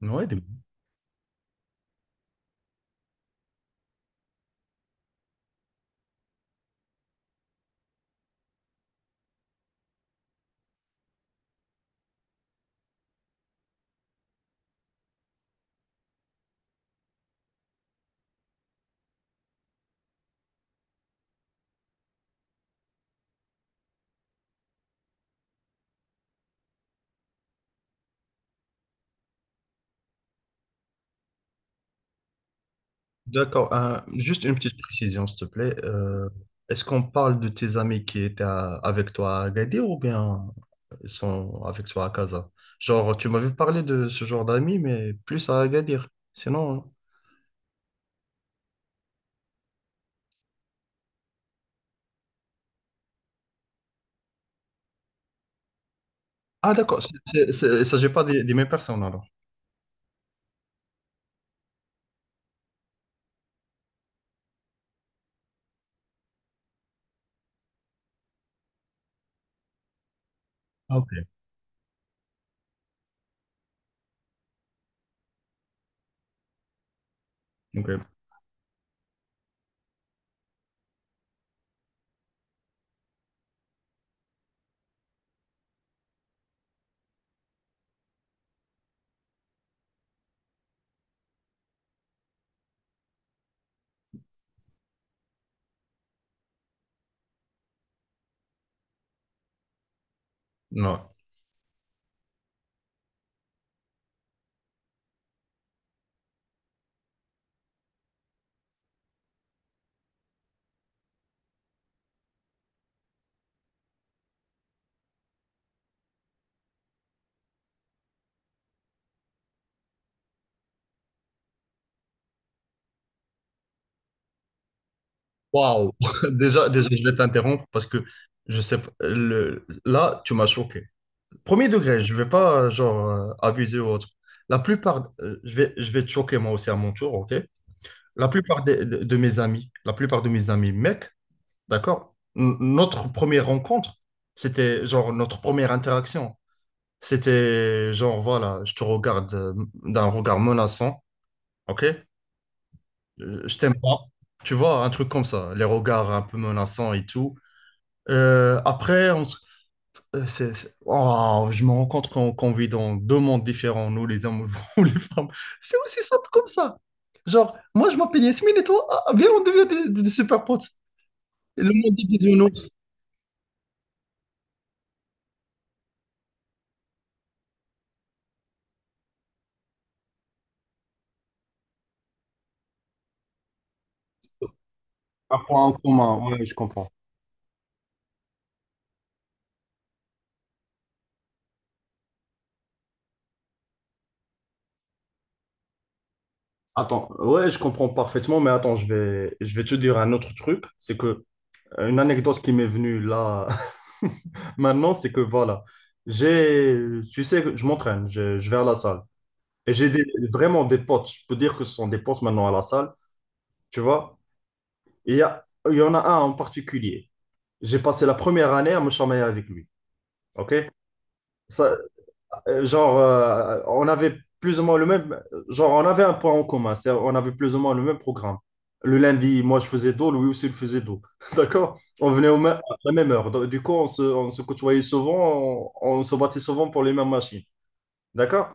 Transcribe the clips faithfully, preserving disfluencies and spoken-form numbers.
Ouais, de- D'accord, hein, juste une petite précision, s'il te plaît. Euh, est-ce qu'on parle de tes amis qui étaient à- avec toi à Agadir ou bien ils sont avec toi à Casa? Genre, tu m'avais parlé de ce genre d'amis, mais plus à Agadir sinon, hein. Ah, d'accord. c'est- c'est- c'est- Il ne s'agit pas des, des mêmes personnes alors. Ah, ok. Ok. Non. Waouh. Déjà, déjà, je vais t'interrompre parce que je sais pas. le- Là, tu m'as choqué. Premier degré, je vais pas, euh, genre, euh, abuser ou autre. La plupart, euh, je vais, je vais te choquer moi aussi à mon tour, ok? La plupart des- de, de mes amis, la plupart de mes amis mecs, d'accord? N- Notre première rencontre, c'était genre notre première interaction. C'était genre, voilà, je te regarde euh, d'un regard menaçant, ok? Euh, je t'aime pas. Tu vois, un truc comme ça, les regards un peu menaçants et tout. Euh, après, on se... Euh, c'est- c'est- Oh, je me rends compte qu'on qu'on vit dans deux mondes différents, nous les hommes ou les femmes. C'est aussi simple comme ça. Genre, moi je m'appelle Yasmine et toi, ah, viens, on devient des, des- des super potes. Et le monde des bisounours. Un point en commun, ouais, je comprends. Attends, ouais, je comprends parfaitement, mais attends, je vais, je vais te dire un autre truc. C'est que euh, une anecdote qui m'est venue là maintenant, c'est que voilà, j'ai, tu sais, que je m'entraîne, je, je vais à la salle. Et j'ai des- vraiment des potes, je peux dire que ce sont des potes maintenant à la salle. Tu vois? Il y a, il y en a un en particulier. J'ai passé la première année à me chamailler avec lui. OK? Ça, euh, genre, euh, on avait plus ou moins le même. Genre, on avait un point en commun. c'est- On avait plus ou moins le même programme. Le lundi, moi, je faisais dos, lui aussi, il faisait dos. D'accord? On venait au même- à la même heure. Donc, Du coup, on se, on se côtoyait souvent, on, on se battait souvent pour les mêmes machines. D'accord?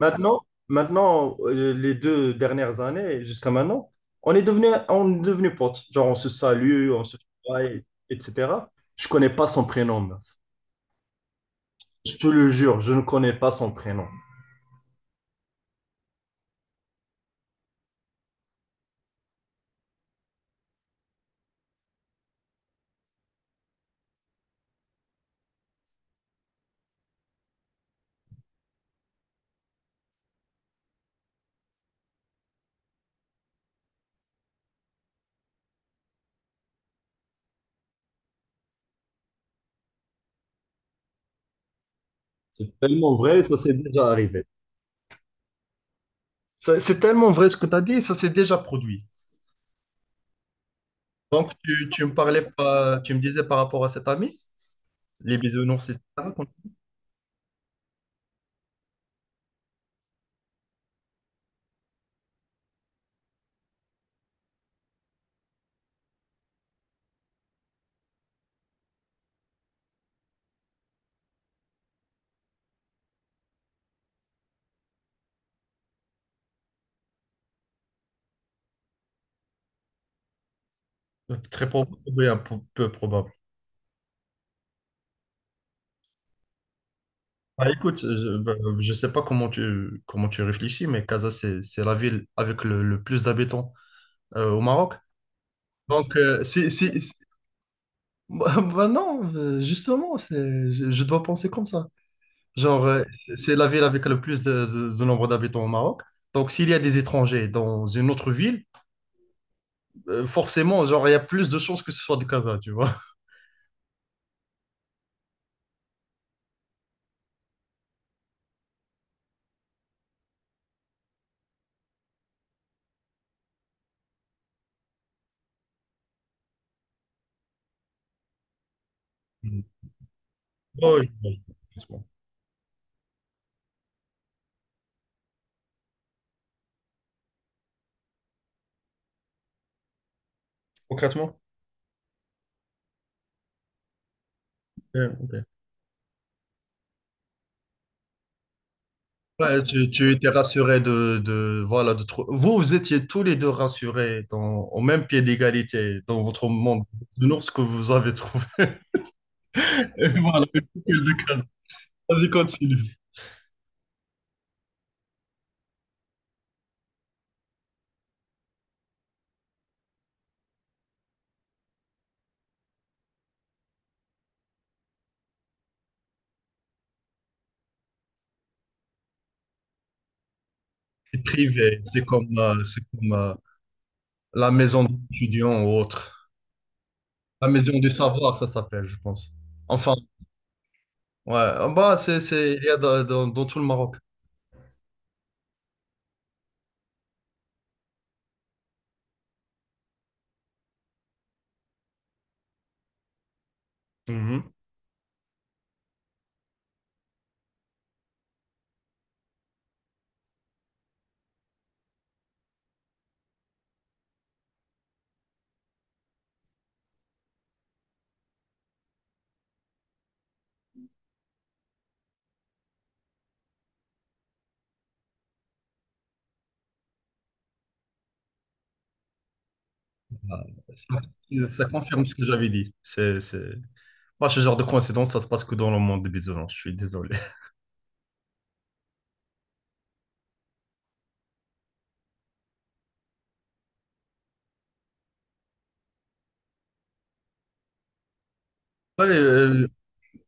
Maintenant, maintenant euh, les deux dernières années, jusqu'à maintenant, on est devenu, on est devenu potes. Genre, on se salue, on se travaille, et cetera. Je connais pas son prénom, meuf. Je te le jure, je ne connais pas son prénom. C'est tellement vrai, ça s'est déjà arrivé. Ça- C'est tellement vrai ce que tu as dit, ça s'est déjà produit. Donc, tu, tu me parlais pas, tu me disais par rapport à cet ami? Les bisounours, et cetera. Très probable, oui, un peu, peu probable. Bah, écoute, je ne sais pas comment tu, comment tu réfléchis, mais Casa, c'est, c'est la ville avec le, le plus d'habitants euh, au Maroc. Donc, euh, c'est, c'est- c'est- Bah, bah non, euh, justement, c'est, je, je dois penser comme ça. Genre, euh, c'est c'est la ville avec le plus de, de- de nombre d'habitants au Maroc. Donc, s'il y a des étrangers dans une autre ville, euh, forcément, genre, il y a plus de chances que ce soit de Casa, tu vois. Mm. Ouais, ouais, ouais. Concrètement. Concrètement? Ouais, ok. Ouais, tu, tu étais rassuré de, de, voilà, de, trou- vous, vous étiez tous les deux rassurés dans, au même pied d'égalité dans votre monde de l'ours que vous avez trouvé. Et voilà, une coquille de case. Vas-y, continue. C'est privé, c'est comme, euh, c'est comme euh, la maison d'étudiants ou autre. La maison du savoir, ça s'appelle, je pense. Enfin, ouais, ah bah, c'est, c'est, il y a dans, dans- dans tout le Maroc. Mhm. Ça, ça confirme ce que j'avais dit. C'est, c'est... Moi, ce genre de coïncidence, ça se passe que dans le monde des bisounours, je suis désolé. Ouais, euh,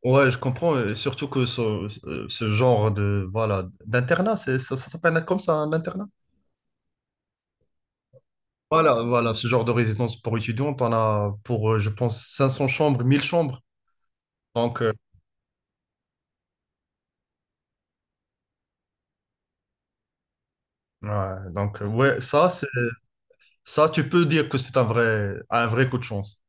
ouais, je comprends, et surtout que ce, euh, ce genre de voilà d'internat, c'est- ça, ça s'appelle comme ça, un internat? Voilà, voilà, ce genre de résidence pour étudiants, t'en as pour, euh, je pense, cinq cents chambres, mille chambres. Donc, euh, ouais, donc euh, ouais, ça, c'est, ça, tu peux dire que c'est un vrai, un vrai coup de chance.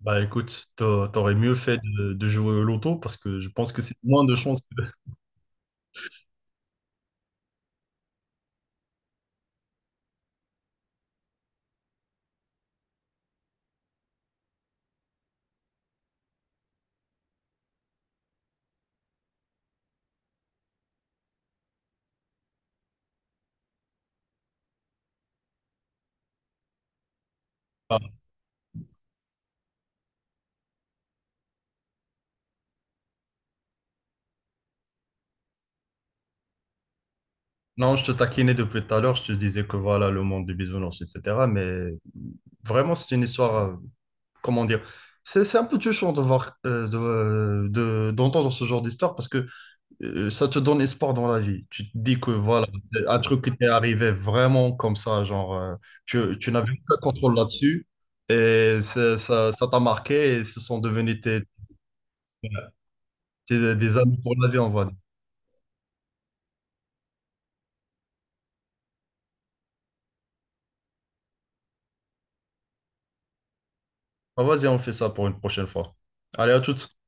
Bah écoute, t'a- t'aurais mieux fait de, de jouer au loto parce que je pense que c'est moins de chance que... Ah. Non, je te taquinais depuis tout à l'heure, je te disais que voilà, le monde du bisounours, et cetera. Mais vraiment, c'est une histoire, euh, comment dire, c'est c'est un peu touchant de voir, euh, de, de- d'entendre ce genre d'histoire parce que euh, ça te donne espoir dans la vie. Tu te dis que voilà, c'est un truc qui t'est arrivé vraiment comme ça, genre, euh, tu, tu n'avais aucun contrôle là-dessus et c'est- ça, ça t'a marqué et ce sont devenus tes, tes- des amis pour la vie, on va dire. Ah, vas-y, on fait ça pour une prochaine fois. Allez, à toutes.